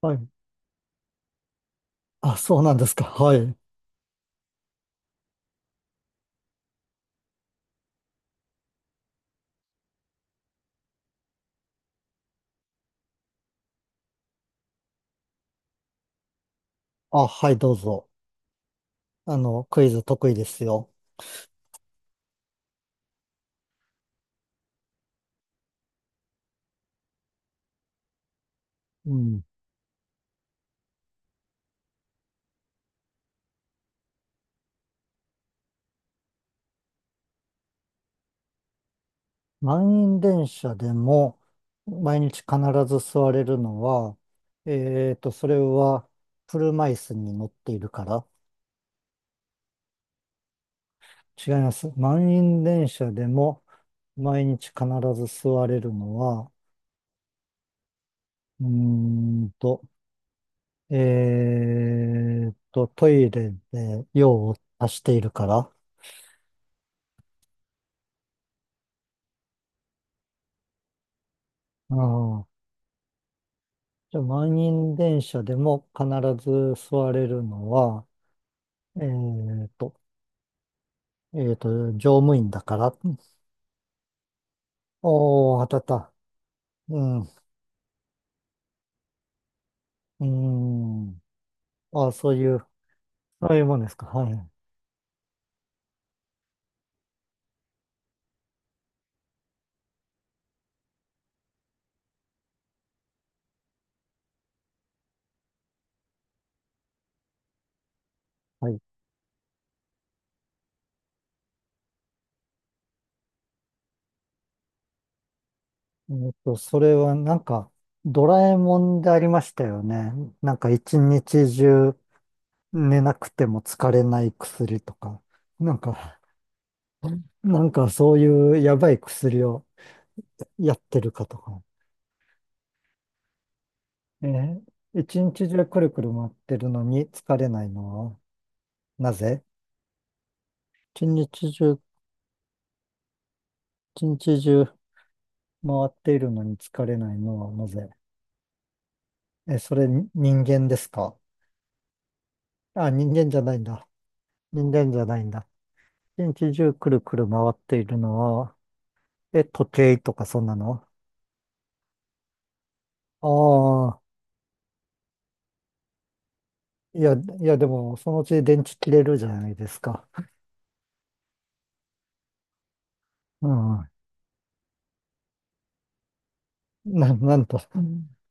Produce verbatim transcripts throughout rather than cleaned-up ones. はい。あ、そうなんですか。はい。あ、はい、どうぞ。あの、クイズ得意ですよ。うん。満員電車でも、毎日必ず座れるのは、えーと、それは、車椅子に乗っているから。違います。満員電車でも、毎日必ず座れるのは、うーんと、えーと、トイレで用を足しているから。うん。じゃあ、満員電車でも必ず座れるのは、えーと、えーと、乗務員だから。おー、当たった。うん。うーん。あ、そういう、そういうもんですか。はい。はい。えーと、それはなんか、ドラえもんでありましたよね。なんか一日中寝なくても疲れない薬とか。なんか、なんかそういうやばい薬をやってるかとか。えー一日中くるくる回ってるのに疲れないのはなぜ？一日中、一日中回っているのに疲れないのはなぜ？え、それに人間ですか？あ、人間じゃないんだ。人間じゃないんだ。一日中くるくる回っているのは、え、時計とかそんなの？ああ。いや、いやでもそのうち電池切れるじゃないですか。うん。な、なんと。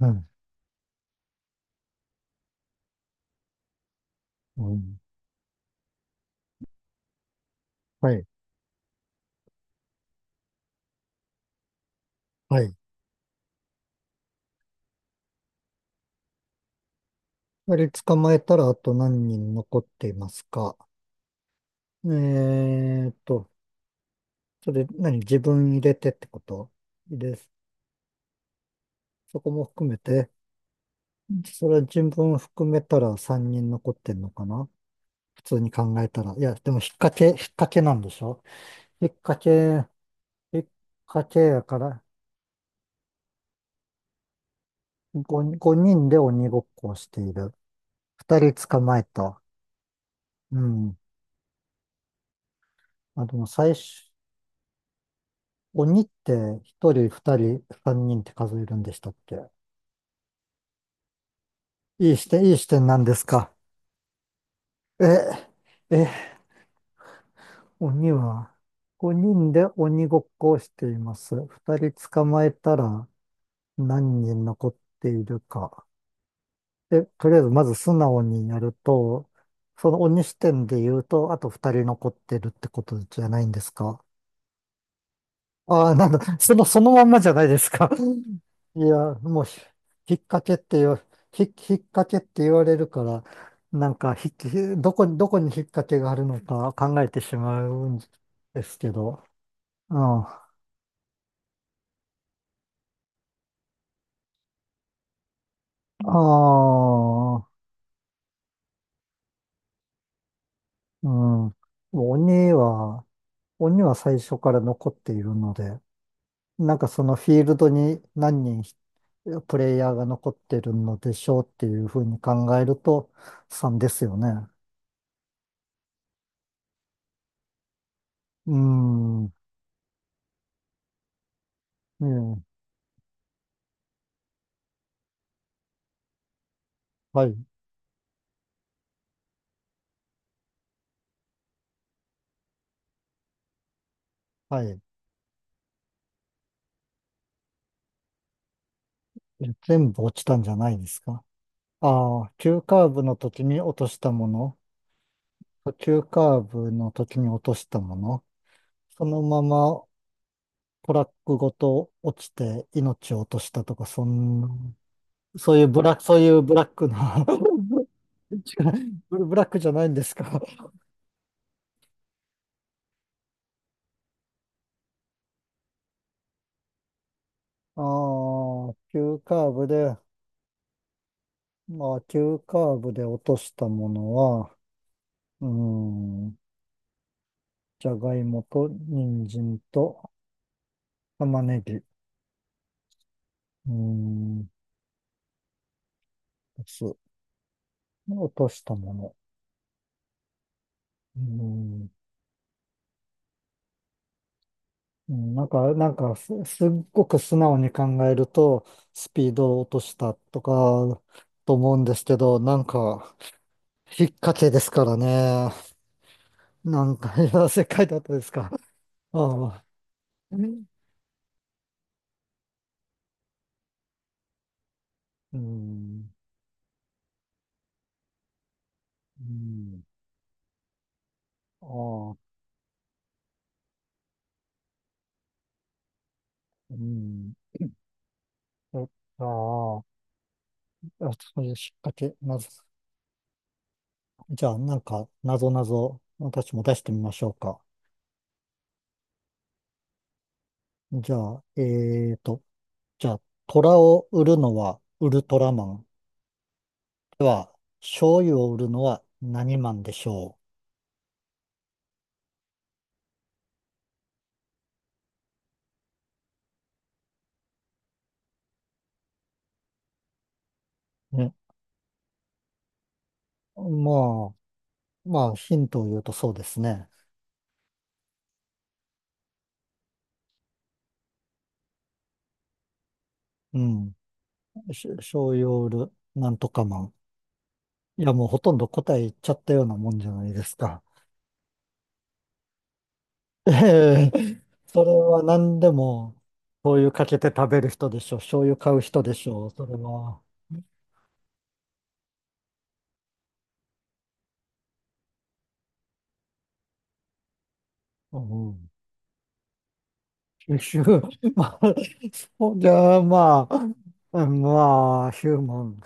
うん。うん。はい。はい。二人捕まえたらあと何人残っていますか？えーっと、それ何自分入れてってことです。そこも含めて、それは自分含めたらさんにん残ってんのかな？普通に考えたら。いや、でも引っ掛け、引っ掛けなんでしょ？引っ掛け、引っ掛けやから5、5人で鬼ごっこをしている。ふたり捕まえた。うん。あ、でも最初、鬼ってひとり、ふたり、さんにんって数えるんでしたっけ？いい視点、いい視点なんですか。え、え、鬼は、ごにんで鬼ごっこをしています。ふたり捕まえたら何人残っているか。で、とりあえずまず素直にやると、その鬼視点で言うと、あとふたり残ってるってことじゃないんですか？ああ、なんだ、その、そのまんまじゃないですか。いや、もうひ、引っ掛けってよ、ひ、引っ掛けって言われるから、なんかひ、どこに、どこに引っ掛けがあるのか考えてしまうんですけど。うん。ああ、うん。鬼は、鬼は最初から残っているので、なんかそのフィールドに何人プレイヤーが残ってるのでしょうっていうふうに考えるとさんですよね。うん。うん。はい。はい。え全部落ちたんじゃないですか？ああ、急カーブの時に落としたもの、急カーブの時に落としたもの、そのままトラックごと落ちて命を落としたとか、そんな、そういうブラック、そういうブラックな 違うブラ ブラックじゃないんですか？ああ、急カーブで、まあ、急カーブで落としたものは、うーん、じゃがいもと人参と玉ねぎ、うーん、す。落としたもの。うん。うん。なんか、なんかす、すっごく素直に考えると、スピードを落としたとか、と思うんですけど、なんか、引っ掛けですからね。なんか、いや、世界だったですか。ああ。うんうん。うん。ああ。うん。えああ。あそういう引っ掛け、なぞ。じゃあ、なんか、なぞなぞ、私も出してみましょうか。じゃあ、えーと、じゃあ、虎を売るのはウルトラマン。では、醤油を売るのは何マンでしょう？ね。まあ、まあ、ヒントを言うとそうですね。うん。し醤油を売るなんとかマン。いや、もうほとんど答え言っちゃったようなもんじゃないですか。ええ、それは何でも、醤油かけて食べる人でしょう。醤油買う人でしょう。それは。うん。週、まあ、そうじゃあ、まあ、うんまあ、ヒューマン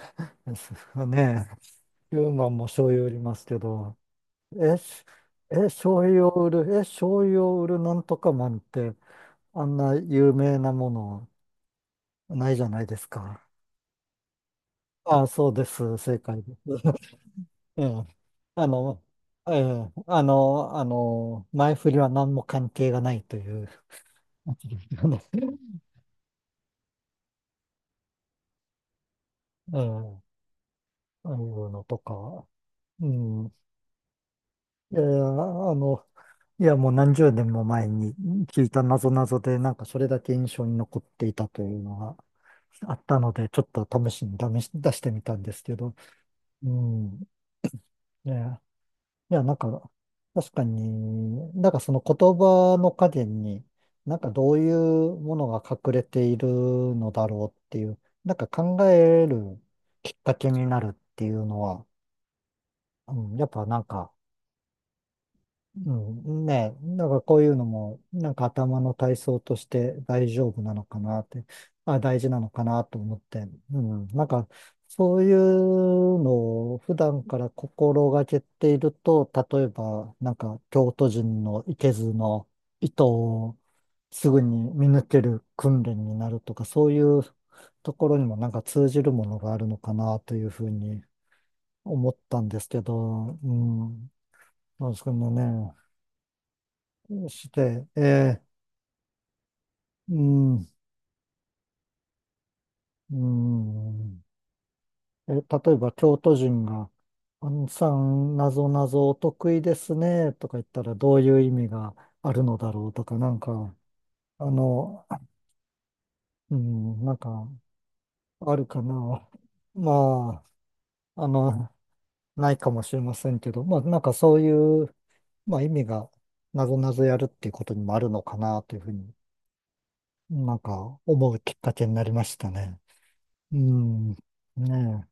ですかね。ヒューマンも醤油売りますけど、え、しえ、醤油を売る、え、醤油を売るなんとかマンって、あんな有名なものないじゃないですか。あ、そうです。正解です。ええ、あの、ええ、あの、あの、前振りは何も関係がないというやつですよね。ええ、ああいうのとか。うん。いやいや、あの、いや、もう何十年も前に聞いた謎々で、なんかそれだけ印象に残っていたというのがあったので、ちょっと試しに試し出してみたんですけど、うん。いや、いや、なんか、確かに、なんかその言葉の陰に、なんかどういうものが隠れているのだろうっていう、なんか考えるきっかけになるっていうのは、うん、やっぱなんか、うん、ねえ、なんからこういうのも、なんか頭の体操として大丈夫なのかなって、あ、大事なのかなと思って、うん、なんかそういうのを普段から心がけていると、例えば、なんか京都人のいけずの糸をすぐに見抜ける訓練になるとか、そういうところにもなんか通じるものがあるのかなというふうに思ったんですけど、うん、なんですけどね。して、えー、うん、うん。え、例えば、京都人が、あんさん、なぞなぞお得意ですね、とか言ったら、どういう意味があるのだろうとか、なんか、あの、うん、なんか、あるかな。まあ、あの、ないかもしれませんけど、まあ、なんかそういう、まあ、意味が、なぞなぞやるっていうことにもあるのかな、というふうに、なんか、思うきっかけになりましたね。うん、ねえ。